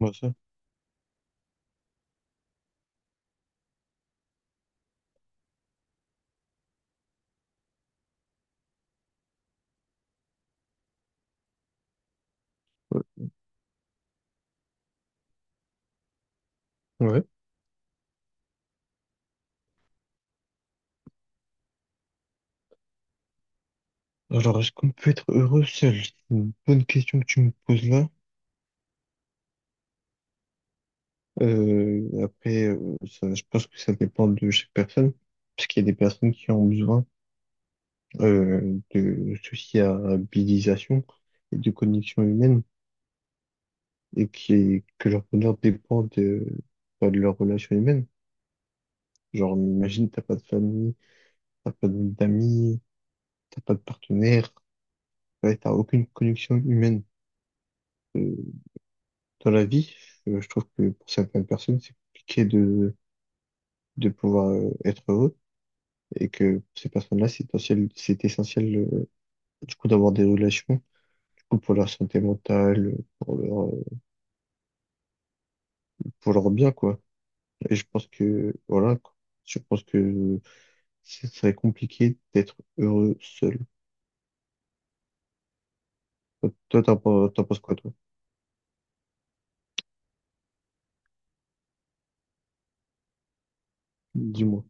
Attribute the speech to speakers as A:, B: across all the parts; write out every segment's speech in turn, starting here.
A: Moi ça. Ouais. Alors, est-ce qu'on peut être heureux seul? C'est une bonne question que tu me poses là. Après, ça, je pense que ça dépend de chaque personne, parce qu'il y a des personnes qui ont besoin de sociabilisation et de connexion humaine, et qui, que leur bonheur dépend de, bah, de leur relation humaine. Genre, imagine, t'as pas de famille, t'as pas d'amis, t'as pas de partenaire, ouais, t'as aucune connexion humaine. Euh, dans la vie, je trouve que pour certaines personnes, c'est compliqué de pouvoir être heureux et que pour ces personnes-là, c'est essentiel du coup d'avoir des relations, du coup pour leur santé mentale, pour leur bien quoi. Et je pense que voilà, quoi. Je pense que ce serait compliqué d'être heureux seul. Toi, t'en penses quoi, toi? Dis-moi.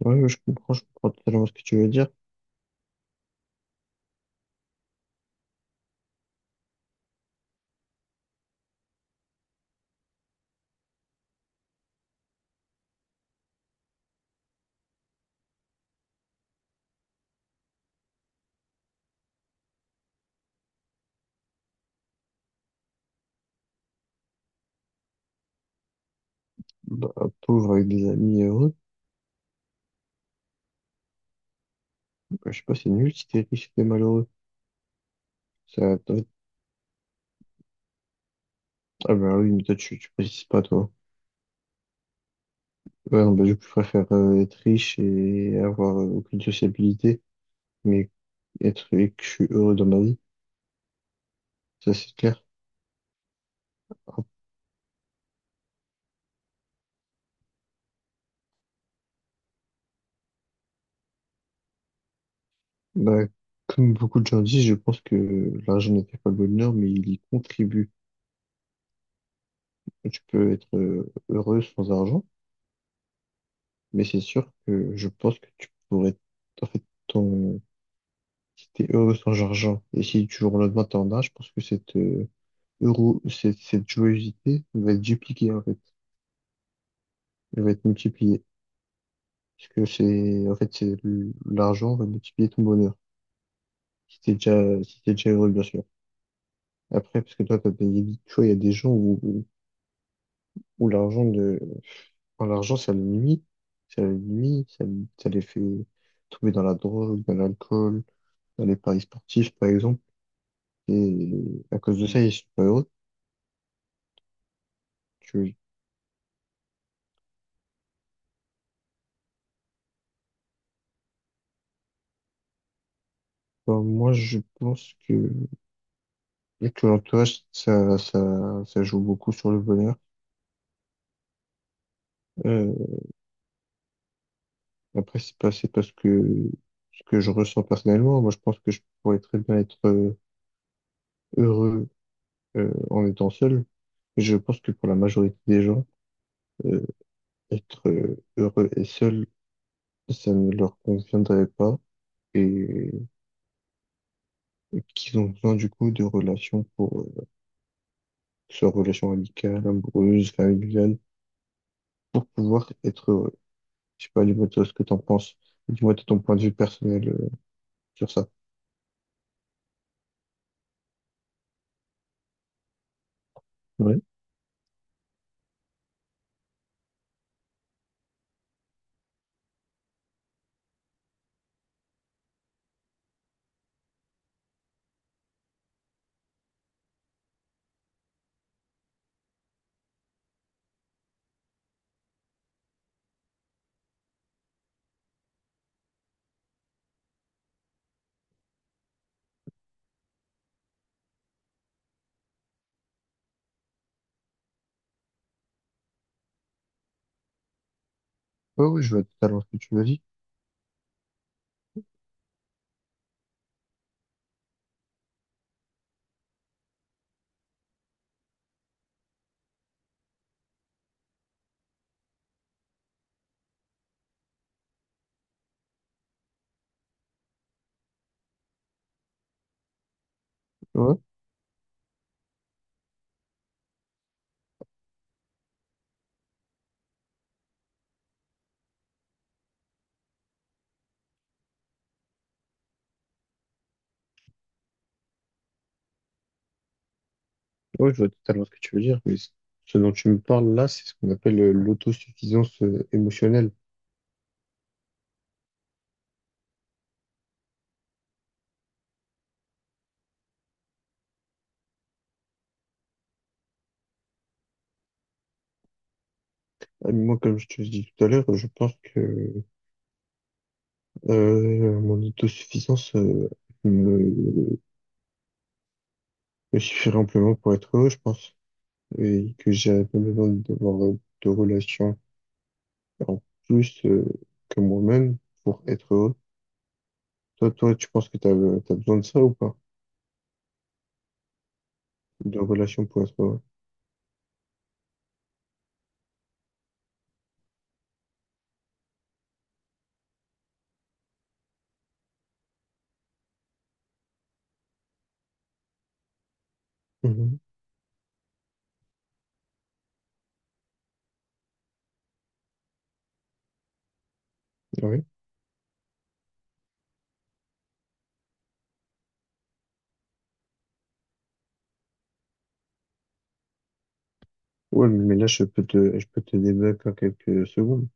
A: Ouais, ouais, je comprends totalement ce que tu veux dire. Bah, pauvre avec des amis heureux, bah, je sais pas, c'est nul si t'es riche et t'es malheureux. Ça, ah ben oui, mais tu précises pas toi. Ouais, bah, je préfère être riche et avoir aucune sociabilité, mais être et que je suis heureux dans ma vie, ça c'est clair. Ah, bah, comme beaucoup de gens disent, je pense que l'argent ne fait pas le bonheur, mais il y contribue. Tu peux être heureux sans argent, mais c'est sûr que je pense que tu pourrais, en fait, ton, si t'es heureux sans argent, et si tu jour au lendemain t'en as, je pense que cette, euro, cette joyeuseté va être dupliquée en fait, elle va être multipliée. Parce que c'est, en fait, c'est l'argent va multiplier ton bonheur. Si t'es déjà heureux, bien sûr. Après, parce que toi, t'as payé vite. Tu vois, il y a des gens où l'argent de, enfin, l'argent, ça le nuit. Ça le nuit, ça, ça les fait tomber dans la drogue, dans l'alcool, dans les paris sportifs, par exemple. Et à cause de ça, ils sont pas heureux. Tu- enfin, moi, je pense que l'entourage, ça joue beaucoup sur le bonheur. Euh, Après, c'est pas ce que, ce que je ressens personnellement. Moi, je pense que je pourrais très bien être heureux en étant seul. Et je pense que pour la majorité des gens, euh, être heureux et seul, ça ne leur conviendrait pas et, et qu'ils ont besoin du coup de relations pour, que ce soit relations amicales, amoureuses, familiales, pour pouvoir être heureux. Je sais pas, dis-moi toi ce que t'en penses. Dis-moi toi ton point de vue personnel sur ça. Ouais. Ouais, ouais, je vois totalement ce que tu m'as dit. Oui, je vois totalement ce que tu veux dire, mais ce dont tu me parles là, c'est ce qu'on appelle l'autosuffisance émotionnelle. Moi, comme je te l'ai dit tout à l'heure, je pense que mon autosuffisance me, me suffirait amplement pour être heureux, je pense, et que j'avais pas besoin d'avoir de relations en plus que moi-même pour être heureux. Toi, tu penses que tu as, besoin de ça ou pas? De relations pour être heureux? Mhm. Ouais. Ouais, mais là, je peux te débattre en quelques secondes.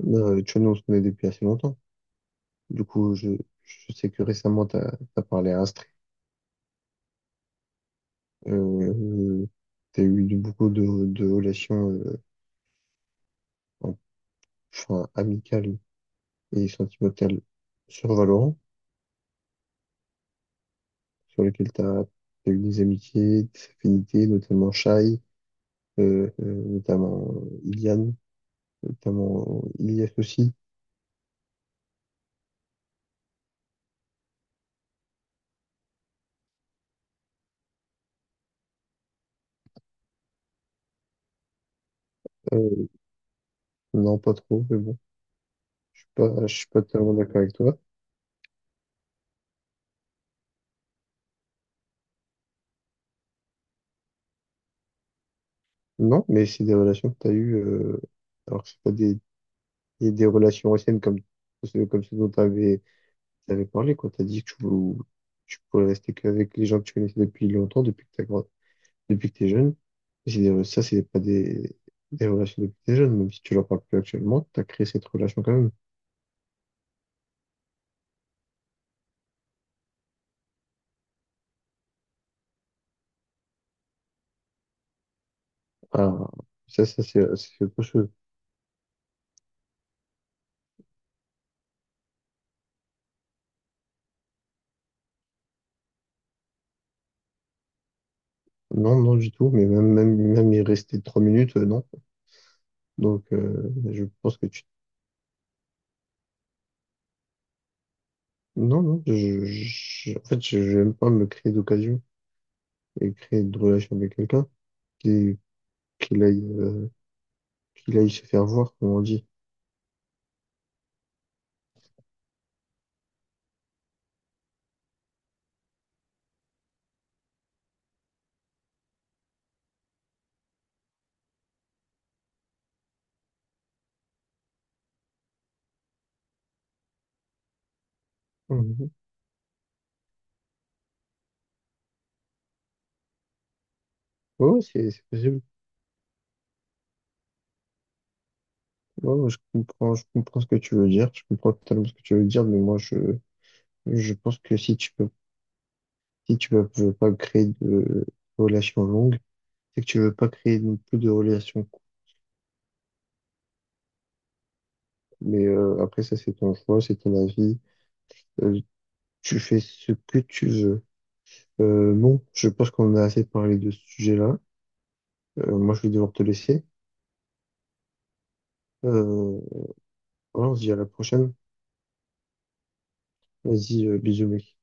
A: Non, le Chono, on se connaît depuis assez longtemps. Du coup, je sais que récemment, tu as, parlé à Astrée. Euh, tu as eu beaucoup de relations en- enfin, amicales et sentimentales sur Valorant, sur lesquelles tu as, eu des amitiés, des affinités, notamment Shai, notamment Iliane, notamment Ilias aussi. Euh, non, pas trop, mais bon, je suis pas tellement d'accord avec toi. Non, mais c'est des relations que tu as eues, alors que c'est pas des et des relations anciennes comme, comme ce dont tu avais, parlé, quoi. Tu as dit que tu pourrais rester qu'avec les gens que tu connaissais depuis longtemps, depuis que t'es jeune. Et c'est ça, c'est pas des, des relations depuis que t'es jeune, même si tu leur parles plus actuellement, tu as créé cette relation quand même. Ah, ça, c'est autre chose. Non, non, du tout, mais même y rester 3 minutes, non. Donc, je pense que tu. Non, non, en fait, je n'aime pas me créer d'occasion et créer de relation avec quelqu'un qui, qu'il aille qu'il aille se faire voir, comme on dit. Mhm. Ouais, ouais, c'est possible. Ouais, ouais, je comprends ce que tu veux dire. Je comprends totalement ce que tu veux dire, mais je pense que si tu peux, si tu veux pas créer de relations longues, c'est que tu veux pas créer non plus de relations courtes. Mais après, ça, c'est ton choix, c'est ton avis. Euh, Tu fais ce que tu veux. Bon, je pense qu'on a assez parlé de ce sujet-là. Moi, je vais devoir te laisser. Euh, voilà, on se dit à la prochaine. Vas-y, bisous, mec.